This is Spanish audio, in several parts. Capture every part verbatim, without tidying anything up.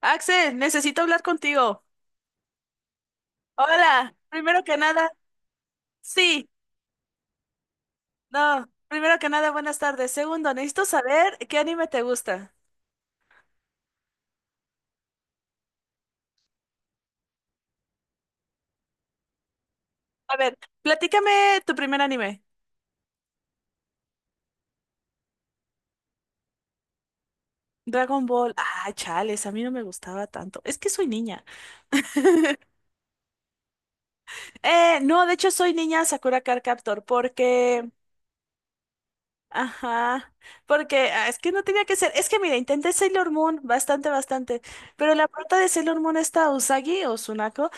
Axel, necesito hablar contigo. Hola, primero que nada, sí, no, primero que nada, buenas tardes. Segundo, necesito saber qué anime te gusta. A ver, platícame tu primer anime. Dragon Ball. Ah, chales, a mí no me gustaba tanto. Es que soy niña. Eh, no, de hecho soy niña Sakura Card Captor porque ajá, porque ah, es que no tenía que ser. Es que mira, intenté Sailor Moon bastante, bastante, pero la prota de Sailor Moon esta Usagi o Tsunako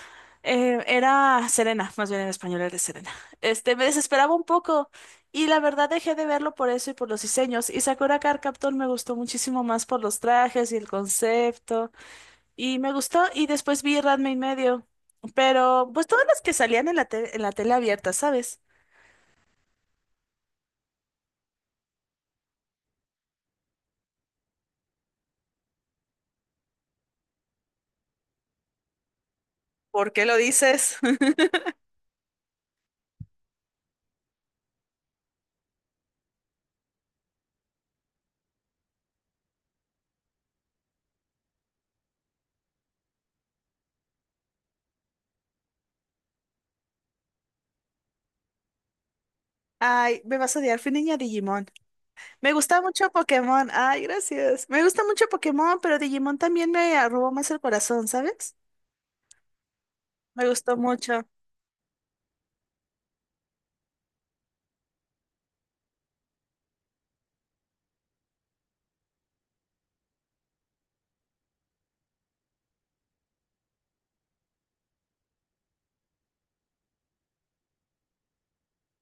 eh, era Serena, más bien en español era Serena. Este, me desesperaba un poco y la verdad dejé de verlo por eso y por los diseños. Y Sakura Card Captor me gustó muchísimo más por los trajes y el concepto y me gustó y después vi Ranma y medio, pero pues todas las que salían en la te- en la tele abierta, ¿sabes? ¿Por qué lo dices? Ay, me vas a odiar, fui niña Digimon. Me gusta mucho Pokémon. Ay, gracias. Me gusta mucho Pokémon, pero Digimon también me robó más el corazón, ¿sabes? Me gustó mucho.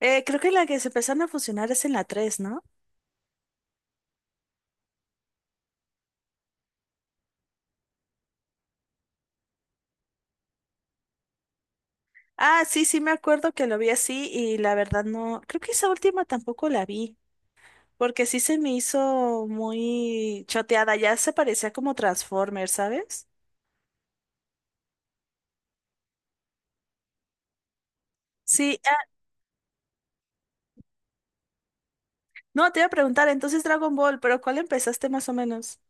Eh, creo que la que se empezaron a fusionar es en la tres, ¿no? Ah, sí, sí, me acuerdo que lo vi así y la verdad no. Creo que esa última tampoco la vi, porque sí se me hizo muy choteada. Ya se parecía como Transformers, ¿sabes? Sí, ah, no, te iba a preguntar entonces Dragon Ball, pero ¿cuál empezaste más o menos?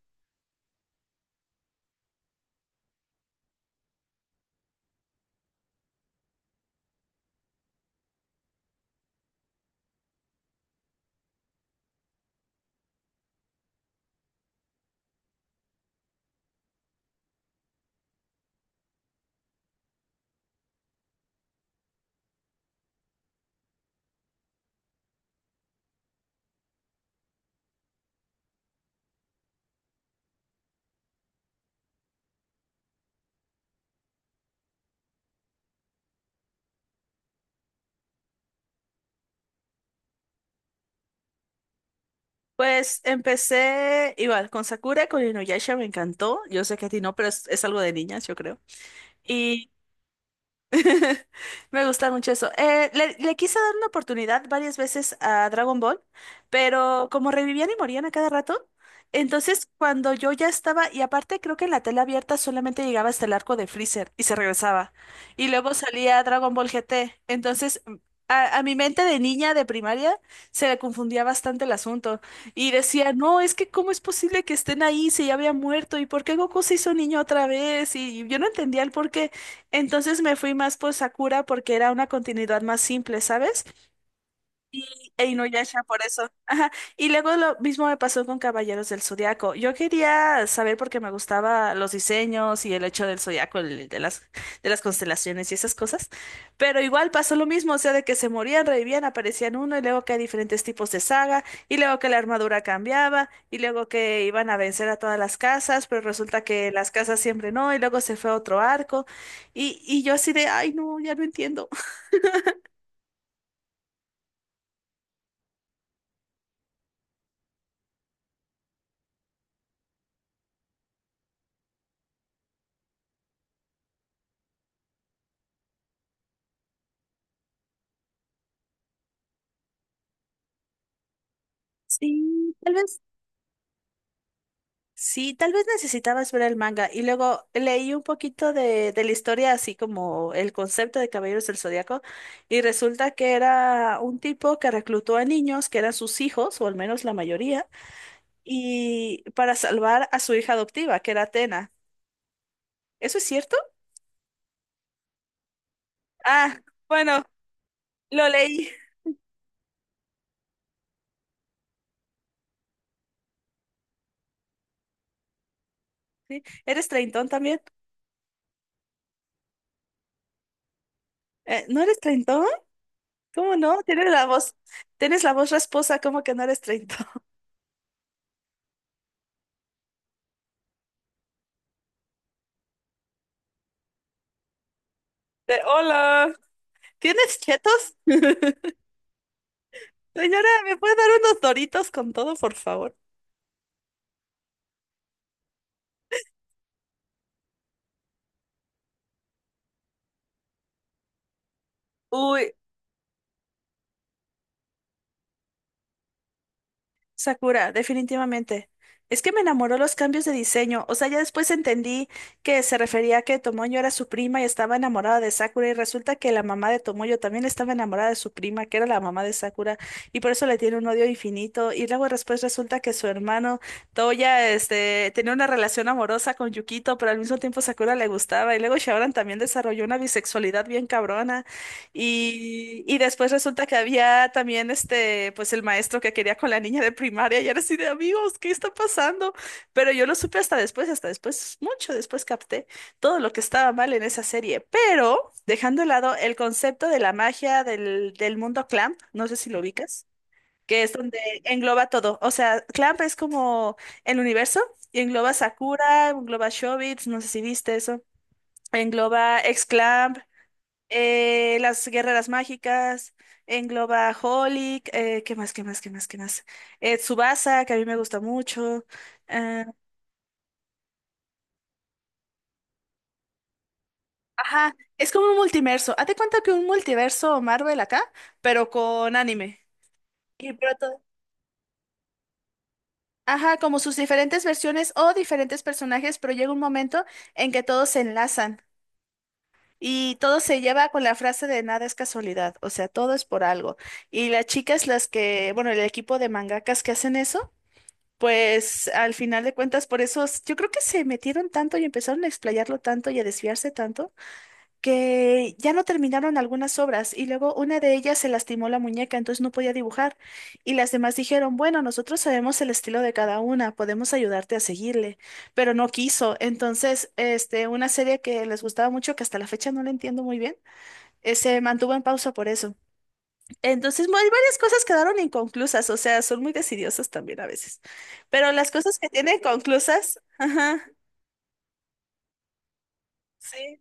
Pues empecé igual con Sakura, con Inuyasha me encantó. Yo sé que a ti no, pero es, es algo de niñas, yo creo. Y me gusta mucho eso. Eh, le, le quise dar una oportunidad varias veces a Dragon Ball, pero como revivían y morían a cada rato, entonces cuando yo ya estaba, y aparte creo que en la tela abierta solamente llegaba hasta el arco de Freezer y se regresaba. Y luego salía Dragon Ball G T. Entonces, mm, a, a mi mente de niña de primaria se le confundía bastante el asunto. Y decía, no, es que cómo es posible que estén ahí si ya había muerto, y por qué Goku se hizo niño otra vez, y yo no entendía el porqué entonces me fui más por Sakura porque era una continuidad más simple, ¿sabes? Y e Inuyasha, por eso. Ajá. Y luego lo mismo me pasó con Caballeros del Zodiaco. Yo quería saber porque me gustaba los diseños y el hecho del Zodiaco, el- de las, de las constelaciones y esas cosas. Pero igual pasó lo mismo, o sea, de que se morían, revivían, aparecían uno, y luego que hay diferentes tipos de saga, y luego que la armadura cambiaba, y luego que iban a vencer a todas las casas, pero resulta que las casas siempre no, y luego se fue a otro arco. Y, y yo así de, ay, no, ya no entiendo. Sí, tal vez. Sí, tal vez necesitabas ver el manga y luego leí un poquito de, de la historia, así como el concepto de Caballeros del Zodiaco, y resulta que era un tipo que reclutó a niños que eran sus hijos, o al menos la mayoría, y para salvar a su hija adoptiva, que era Atena. ¿Eso es cierto? Ah, bueno, lo leí. ¿Sí? ¿Eres treintón también? Eh, ¿no eres treintón? ¿Cómo no? Tienes la voz, tienes la voz rasposa, ¿cómo que no eres treintón? De, hola, ¿tienes chetos? Señora, ¿me puede dar unos doritos con todo, por favor? Uy, Sakura, definitivamente. Es que me enamoró los cambios de diseño. O sea, ya después entendí que se refería a que Tomoyo era su prima y estaba enamorada de Sakura. Y resulta que la mamá de Tomoyo también estaba enamorada de su prima, que era la mamá de Sakura. Y por eso le tiene un odio infinito. Y luego después resulta que su hermano Toya, este, tenía una relación amorosa con Yukito, pero al mismo tiempo Sakura le gustaba. Y luego Shaoran también desarrolló una bisexualidad bien cabrona. Y, y después resulta que había también este, pues el maestro que quería con la niña de primaria y era así de amigos, ¿qué está pasando? Pero yo lo supe hasta después, hasta después, mucho después capté todo lo que estaba mal en esa serie. Pero dejando de lado el concepto de la magia del, del mundo Clamp, no sé si lo ubicas, que es donde engloba todo. O sea, Clamp es como el universo y engloba Sakura, engloba Shobits, no sé si viste eso. Engloba ex eh, las guerreras mágicas, engloba Holic, eh, ¿qué más, qué más, qué más, qué más? Eh, Tsubasa, que a mí me gusta mucho. eh, ajá, es como un multiverso. Hazte cuenta que un multiverso Marvel acá, pero con anime. Y pero todo- Ajá, como sus diferentes versiones o diferentes personajes, pero llega un momento en que todos se enlazan. Y todo se lleva con la frase de nada es casualidad, o sea, todo es por algo. Y las chicas, las que, bueno, el equipo de mangakas que hacen eso, pues al final de cuentas, por eso s- yo creo que se metieron tanto y empezaron a explayarlo tanto y a desviarse tanto que ya no terminaron algunas obras y luego una de ellas se lastimó la muñeca, entonces no podía dibujar y las demás dijeron, bueno, nosotros sabemos el estilo de cada una, podemos ayudarte a seguirle, pero no quiso. Entonces, este, una serie que les gustaba mucho, que hasta la fecha no la entiendo muy bien, eh, se mantuvo en pausa por eso. Entonces, mu- varias cosas quedaron inconclusas, o sea, son muy decidiosos también a veces. Pero las cosas que tienen conclusas, ajá, sí,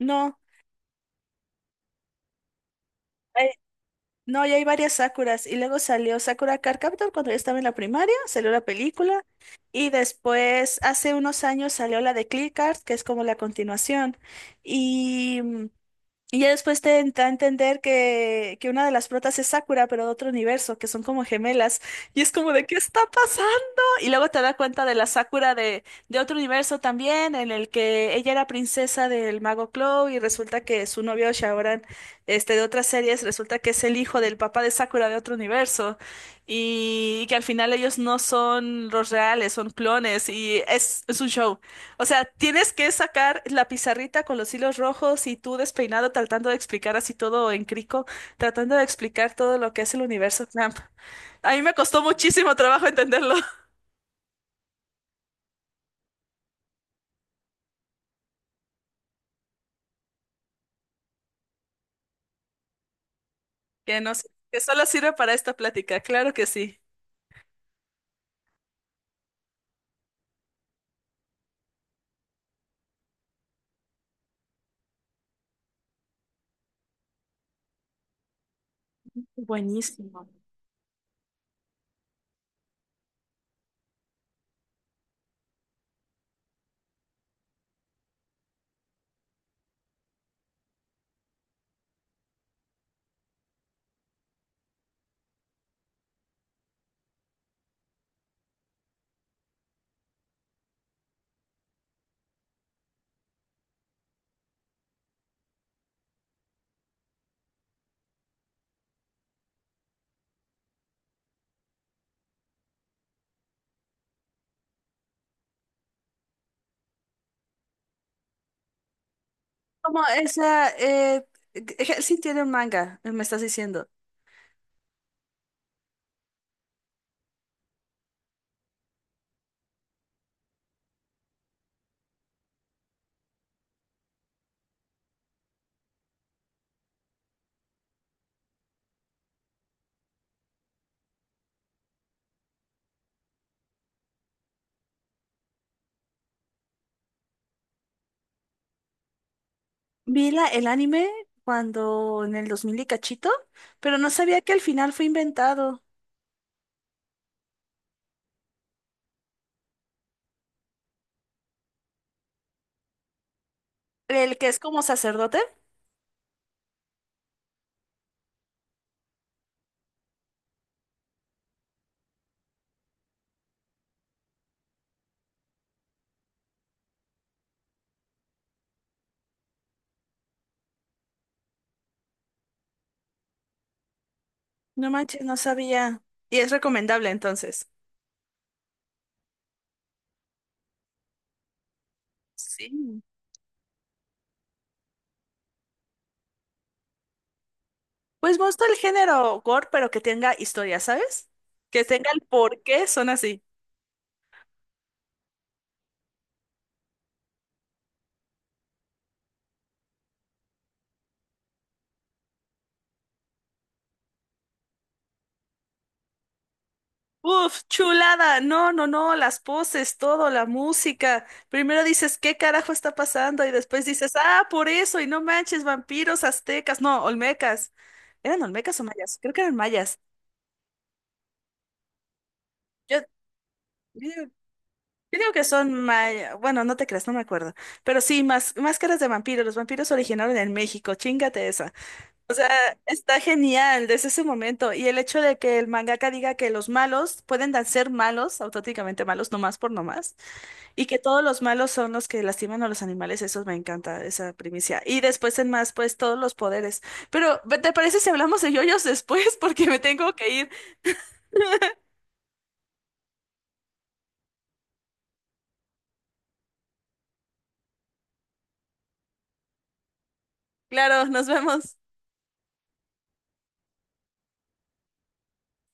no, hay- no, y hay varias Sakuras. Y luego salió Sakura Card Captor cuando yo estaba en la primaria, salió la película. Y después, hace unos años, salió la de Clear Card, que es como la continuación. Y. mm, Y ya después te da a entender que, que una de las protas es Sakura, pero de otro universo, que son como gemelas. Y es como de, ¿qué está pasando? Y luego te da cuenta de la Sakura de, de otro universo también, en el que ella era princesa del mago Clow y resulta que su novio Shaoran, este, de otras series, resulta que es el hijo del papá de Sakura de otro universo. Y, que al final ellos no son los reales, son clones. Y es, es un show. O sea, tienes que sacar la pizarrita con los hilos rojos y tú despeinado tratando de explicar así todo en crico, tratando de explicar todo lo que es el universo Clamp. A mí me costó muchísimo trabajo entenderlo, que no sé, que solo sirve para esta plática, claro que sí. Buenísimo. Como esa, eh, eh, sí tiene un manga, me estás diciendo. Vi la, el anime cuando en el dos mil y cachito, pero no sabía que al final fue inventado. El que es como sacerdote. No manches, no sabía. Y es recomendable entonces. Sí. Pues me gusta el género gore, pero que tenga historia, ¿sabes? Que tenga el por qué son así. Uf, chulada. No, no, no, las poses, todo, la música. Primero dices, ¿qué carajo está pasando? Y después dices, ah, por eso, y no manches, vampiros, aztecas, no, olmecas. ¿Eran olmecas o mayas? Creo que eran mayas. Yo, Yo digo que son, maya- bueno, no te creas, no me acuerdo. Pero sí, más, máscaras de vampiros. Los vampiros originaron en México, chingate esa. O sea, está genial desde ese momento. Y el hecho de que el mangaka diga que los malos pueden dan- ser malos, auténticamente malos, nomás por nomás. Y que todos los malos son los que lastiman a los animales, eso me encanta, esa primicia. Y después en más, pues todos los poderes. Pero, ¿te parece si hablamos de yoyos después? Porque me tengo que ir. Claro, nos vemos.